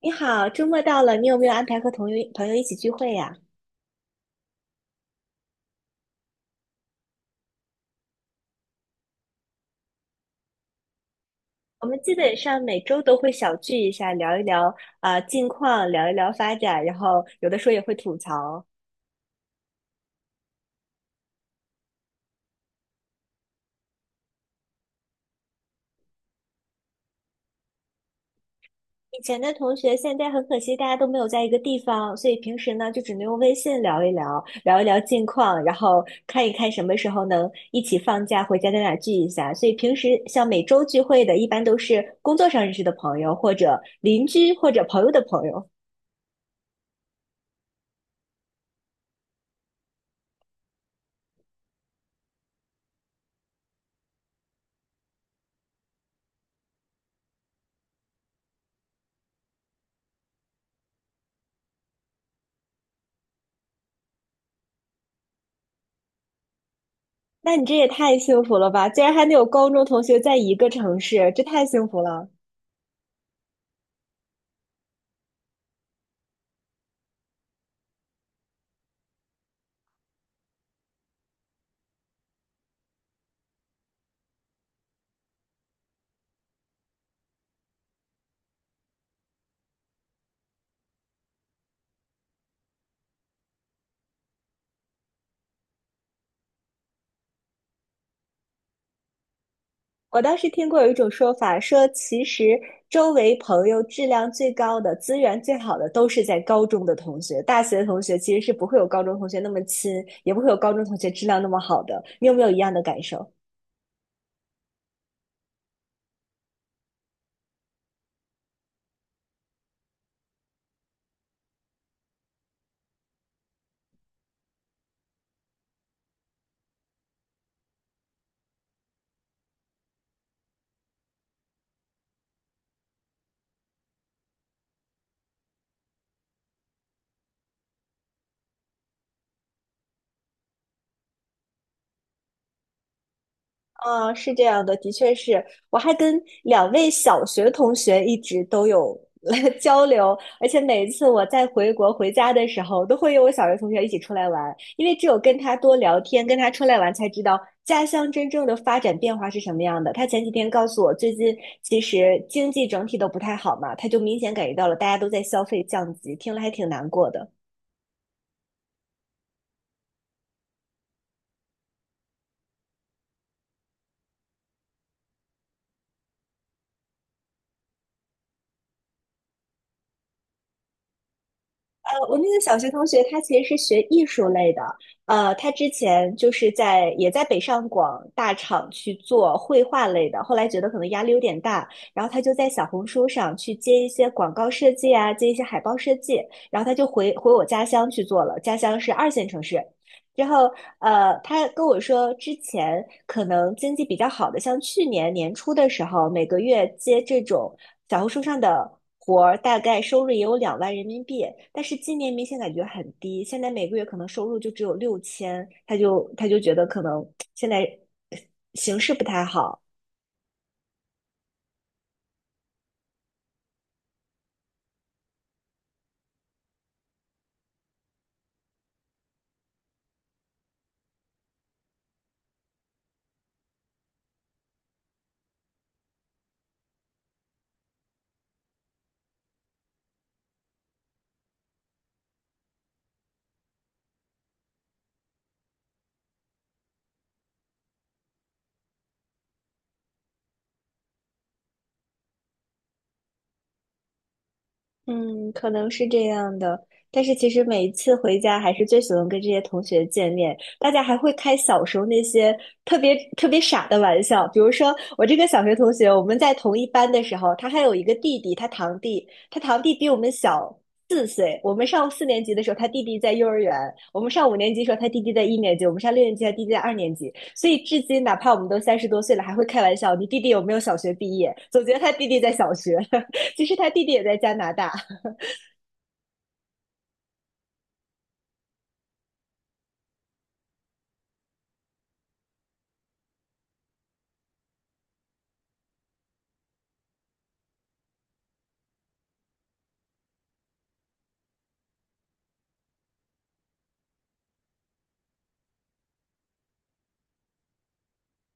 你好，周末到了，你有没有安排和朋友一起聚会呀？我们基本上每周都会小聚一下，聊一聊啊近况，聊一聊发展，然后有的时候也会吐槽。以前的同学，现在很可惜大家都没有在一个地方，所以平时呢就只能用微信聊一聊，聊一聊近况，然后看一看什么时候能一起放假回家在哪聚一下。所以平时像每周聚会的，一般都是工作上认识的朋友，或者邻居，或者朋友的朋友。那你这也太幸福了吧！竟然还能有高中同学在一个城市，这太幸福了。我当时听过有一种说法，说其实周围朋友质量最高的、资源最好的都是在高中的同学，大学的同学其实是不会有高中同学那么亲，也不会有高中同学质量那么好的。你有没有一样的感受？嗯，是这样的，的确是，我还跟两位小学同学一直都有 交流，而且每一次我在回国回家的时候，都会有我小学同学一起出来玩，因为只有跟他多聊天，跟他出来玩，才知道家乡真正的发展变化是什么样的。他前几天告诉我，最近其实经济整体都不太好嘛，他就明显感觉到了大家都在消费降级，听了还挺难过的。我那个小学同学，他其实是学艺术类的。他之前就是在也在北上广大厂去做绘画类的，后来觉得可能压力有点大，然后他就在小红书上去接一些广告设计啊，接一些海报设计，然后他就回我家乡去做了。家乡是二线城市，然后，他跟我说，之前可能经济比较好的，像去年年初的时候，每个月接这种小红书上的活儿，大概收入也有2万人民币。但是今年明显感觉很低，现在每个月可能收入就只有6000，他就觉得可能现在形势不太好。嗯，可能是这样的，但是其实每一次回家，还是最喜欢跟这些同学见面。大家还会开小时候那些特别特别傻的玩笑，比如说我这个小学同学，我们在同一班的时候，他还有一个弟弟，他堂弟，他堂弟比我们小4岁。我们上4年级的时候，他弟弟在幼儿园；我们上5年级的时候，他弟弟在1年级；我们上6年级，他弟弟在2年级。所以至今，哪怕我们都30多岁了，还会开玩笑：“你弟弟有没有小学毕业？”总觉得他弟弟在小学，其实他弟弟也在加拿大。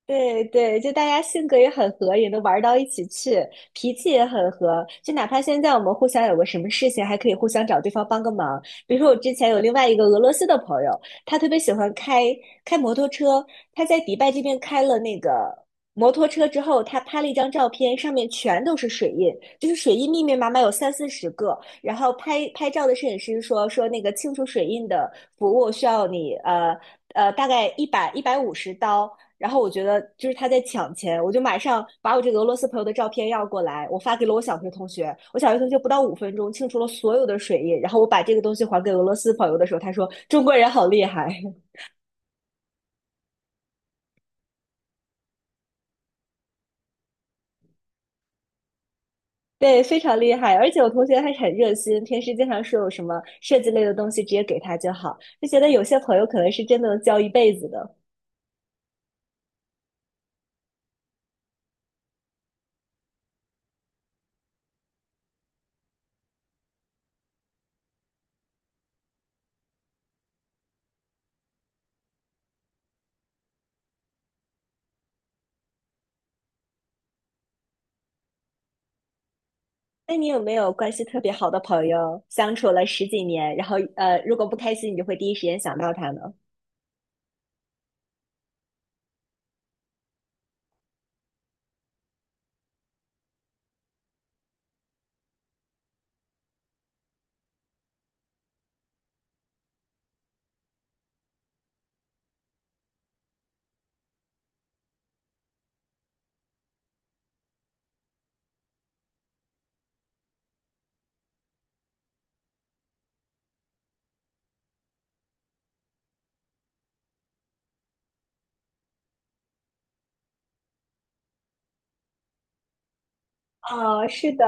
对对，就大家性格也很合，也能玩到一起去，脾气也很合。就哪怕现在我们互相有个什么事情，还可以互相找对方帮个忙。比如说，我之前有另外一个俄罗斯的朋友，他特别喜欢开摩托车，他在迪拜这边开了那个摩托车之后，他拍了一张照片，上面全都是水印，就是水印密密麻麻有三四十个。然后拍照的摄影师说那个清除水印的服务需要你大概150刀。然后我觉得就是他在抢钱，我就马上把我这个俄罗斯朋友的照片要过来，我发给了我小学同学。我小学同学不到5分钟清除了所有的水印，然后我把这个东西还给俄罗斯朋友的时候，他说中国人好厉害，对，非常厉害。而且我同学还很热心，平时经常说有什么设计类的东西直接给他就好，就觉得有些朋友可能是真的能交一辈子的。那你有没有关系特别好的朋友，相处了十几年，然后如果不开心，你就会第一时间想到他呢？啊，是的，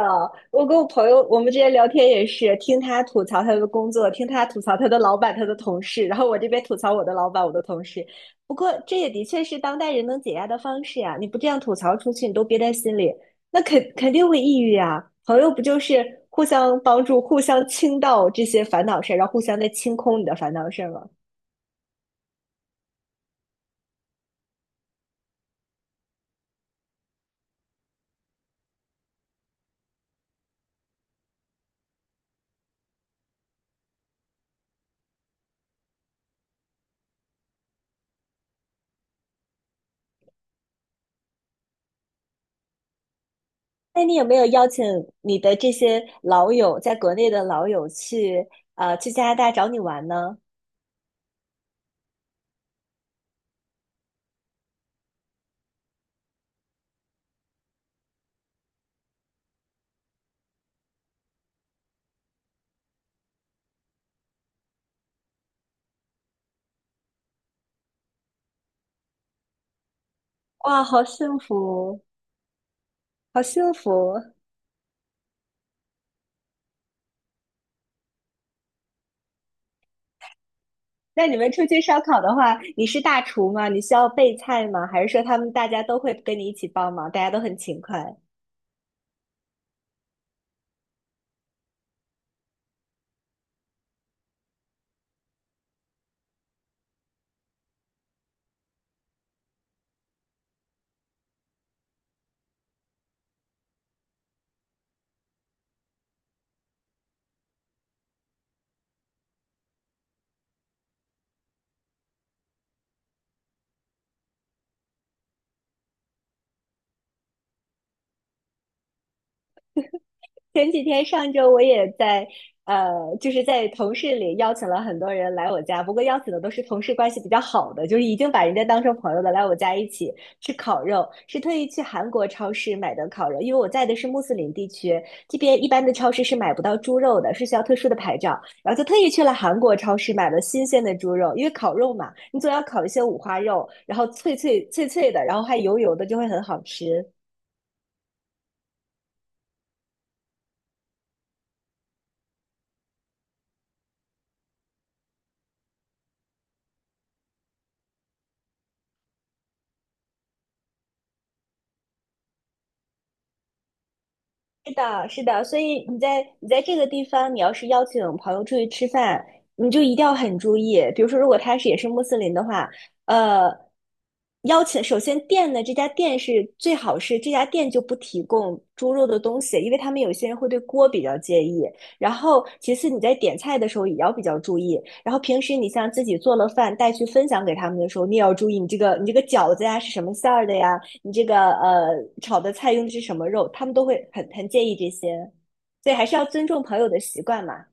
我跟我朋友，我们之前聊天也是听他吐槽他的工作，听他吐槽他的老板、他的同事，然后我这边吐槽我的老板、我的同事。不过这也的确是当代人能解压的方式呀、你不这样吐槽出去，你都憋在心里，那肯定会抑郁呀、朋友不就是互相帮助、互相倾倒这些烦恼事儿，然后互相在清空你的烦恼事儿吗？那你有没有邀请你的这些老友，在国内的老友去加拿大找你玩呢？哇，好幸福，好幸福！那你们出去烧烤的话，你是大厨吗？你需要备菜吗？还是说他们大家都会跟你一起帮忙，大家都很勤快？前几天上周我也在就是在同事里邀请了很多人来我家，不过邀请的都是同事关系比较好的，就是已经把人家当成朋友的来我家一起吃烤肉，是特意去韩国超市买的烤肉，因为我在的是穆斯林地区，这边一般的超市是买不到猪肉的，是需要特殊的牌照，然后就特意去了韩国超市买了新鲜的猪肉，因为烤肉嘛，你总要烤一些五花肉，然后脆脆脆脆的，然后还油油的，就会很好吃。是的，是的，所以你在这个地方，你要是邀请朋友出去吃饭，你就一定要很注意。比如说，如果他也是穆斯林的话，呃，邀请首先店呢，这家店是最好是这家店就不提供猪肉的东西，因为他们有些人会对锅比较介意。然后，其次你在点菜的时候也要比较注意。然后平时你像自己做了饭带去分享给他们的时候，你也要注意你这个饺子呀是什么馅儿的呀，你这个炒的菜用的是什么肉，他们都会很介意这些，所以还是要尊重朋友的习惯嘛。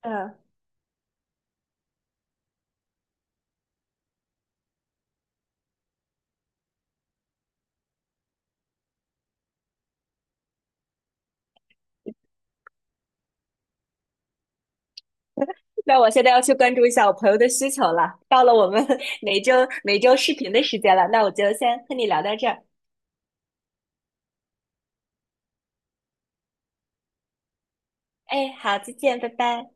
嗯，那我现在要去关注一下我朋友的需求了。到了我们每周每周视频的时间了，那我就先和你聊到这儿。哎，好，再见，拜拜。